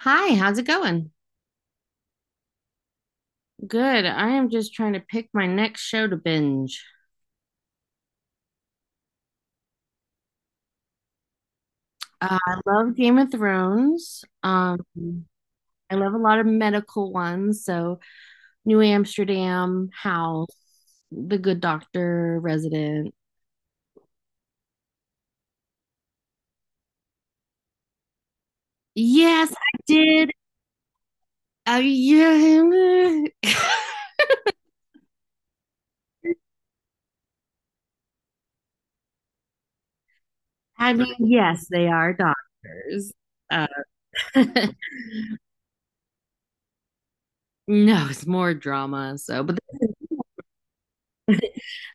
Hi, how's it going? Good. I am just trying to pick my next show to binge. I love Game of Thrones. I love a lot of medical ones, so New Amsterdam, House, The Good Doctor, Resident. Yes, I did. Yeah. I mean, yes, they are doctors. Uh, no, it's more drama. So, but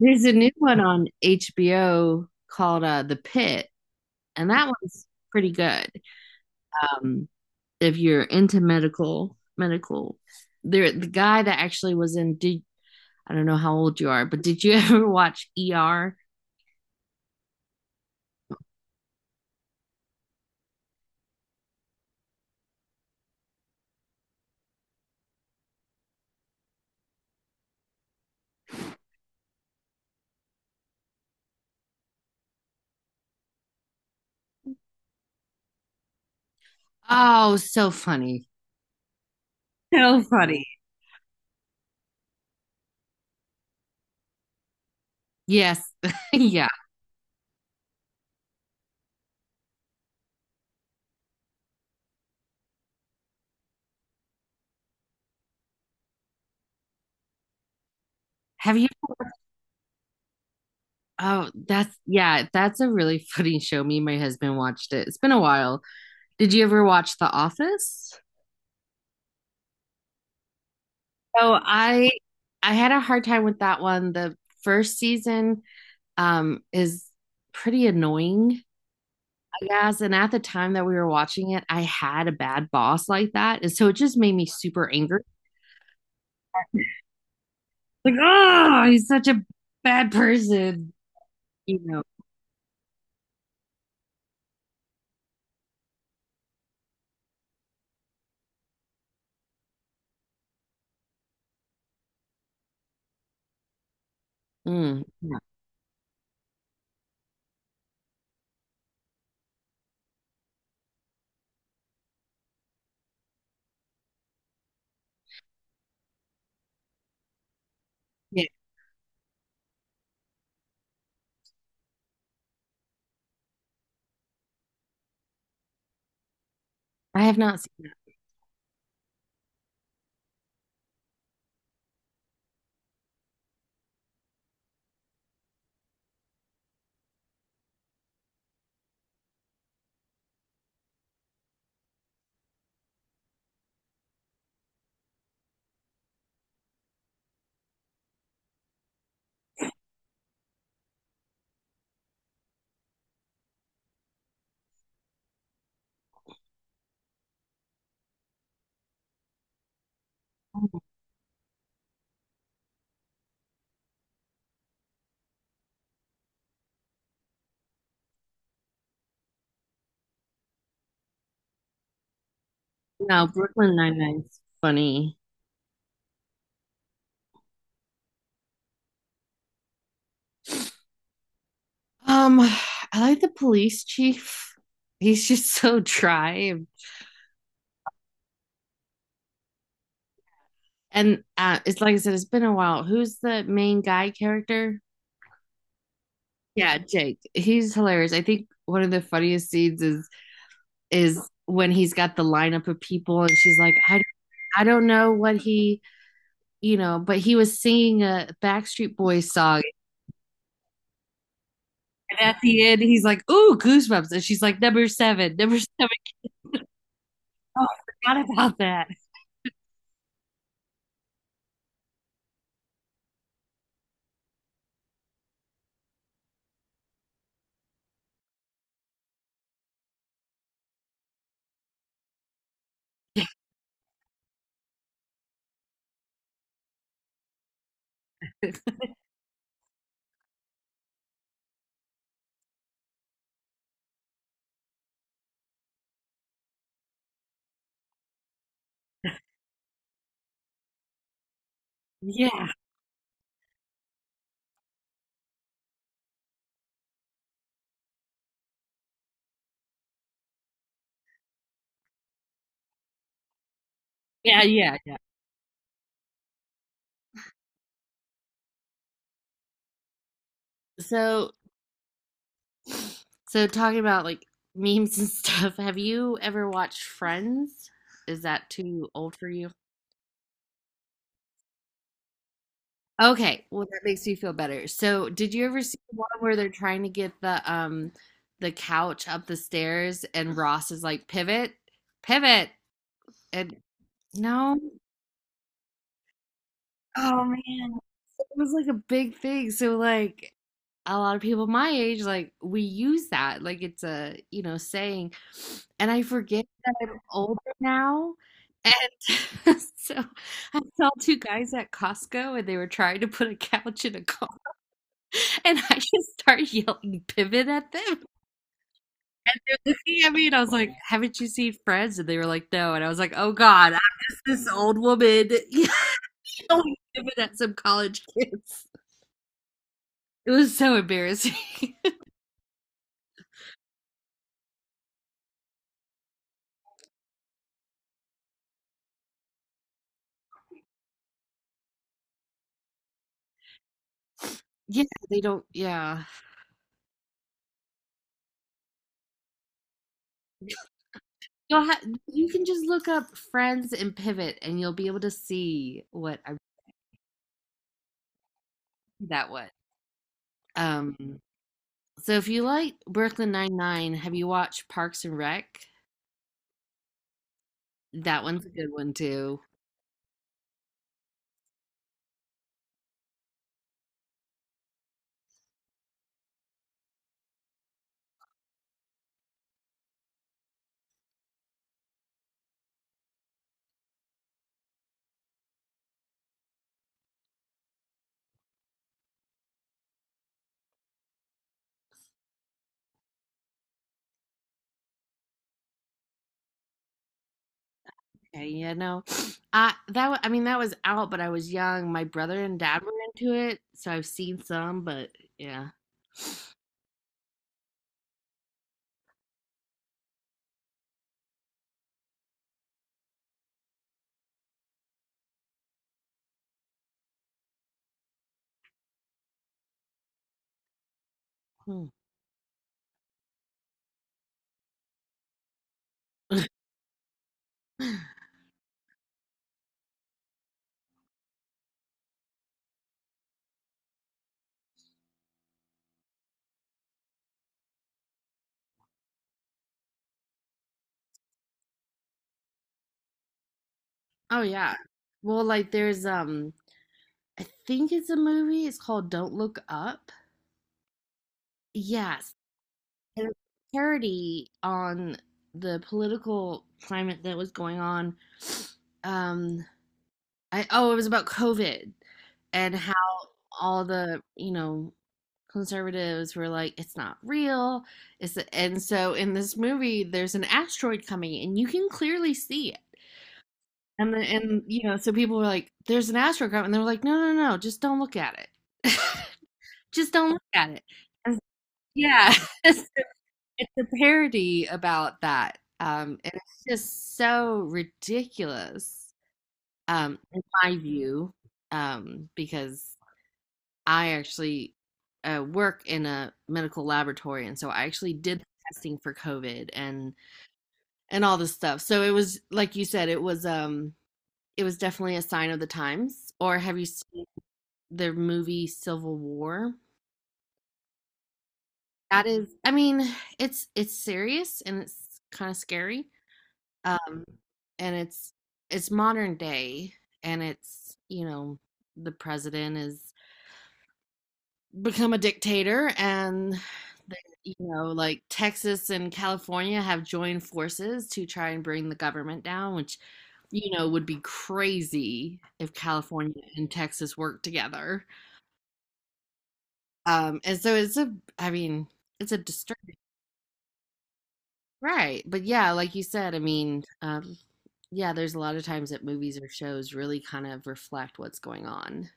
there's a new one on HBO called The Pitt. And that one's pretty good. Um, if you're into medical, there the guy that actually was in. Did I don't know how old you are, but did you ever watch ER? Oh, so funny. So funny. Yes, yeah. Have you? Oh, that's yeah. That's a really funny show. Me and my husband watched it. It's been a while. Did you ever watch The Office? Oh, I had a hard time with that one. The first season is pretty annoying. Yes, and at the time that we were watching it, I had a bad boss like that, and so it just made me super angry. Like, oh, he's such a bad person, you know. Mm, yeah, yeah. I have not seen that. No, Brooklyn Nine Nine's funny. I like the police chief. He's just so dry, and it's like I said, it's been a while. Who's the main guy character? Yeah, Jake. He's hilarious. I think one of the funniest scenes is when he's got the lineup of people and she's like, I don't know what he, you know, but he was singing a Backstreet Boys song. And at the end, he's like, ooh, goosebumps. And she's like, number seven, number seven. Oh, I forgot about that. yeah. Yeah. Yeah. Yeah. So, so, talking about like memes and stuff, have you ever watched Friends? Is that too old for you? Okay, well that makes me feel better. So, did you ever see the one where they're trying to get the couch up the stairs and Ross is like, "Pivot, pivot." And no. Oh man. It was like a big thing. So like a lot of people my age like we use that like it's a, you know, saying. And I forget that I'm older now. And so I saw two guys at Costco and they were trying to put a couch in a car. And I just start yelling pivot at them. They're looking at me and I was like, haven't you seen Friends? And they were like, no. And I was like, oh God, I'm just this old woman yelling pivot at some college kids. It was so embarrassing. yeah, they don't, yeah. You'll ha- you can just look up Friends and Pivot and you'll be able to see what I that was. Um, so if you like Brooklyn Nine Nine, have you watched Parks and Rec? That one's a good one too. Okay, yeah, no. I mean that was out, but I was young. My brother and dad were into it, so I've seen some, but yeah. Hmm. Oh yeah. Well, like there's I think it's a movie. It's called Don't Look Up. Yes. And it's a parody on the political climate that was going on. Um, I oh, it was about COVID and how all the, you know, conservatives were like, it's not real. It's a, and so in this movie, there's an asteroid coming, and you can clearly see it. And then, and you know, so people were like, "There's an asteroid coming," and they were like, "No, no, no, just don't look at it. just don't look at it." And yeah, it's a parody about that, and it's just so ridiculous, in my view, because I actually work in a medical laboratory, and so I actually did the testing for COVID and all this stuff. So it was like you said, it was definitely a sign of the times. Or have you seen the movie Civil War? That is, I mean, it's serious and it's kind of scary. Um, and it's modern day, and it's you know the president is become a dictator and they, you know, like Texas and California have joined forces to try and bring the government down, which, you know, would be crazy if California and Texas worked together. And so it's a, I mean, it's a disturbing, right? But yeah, like you said, I mean, yeah, there's a lot of times that movies or shows really kind of reflect what's going on.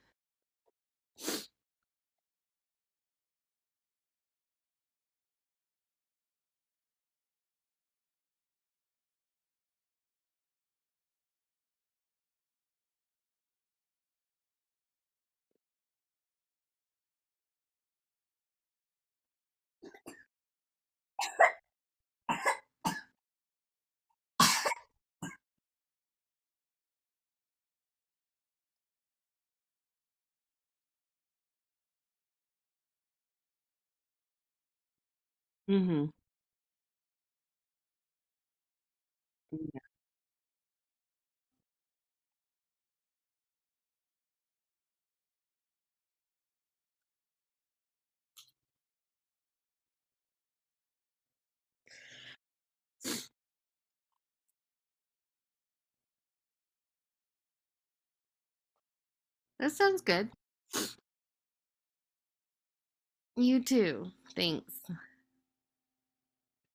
Mm-hmm. Yeah, that sounds good. You too. Thanks.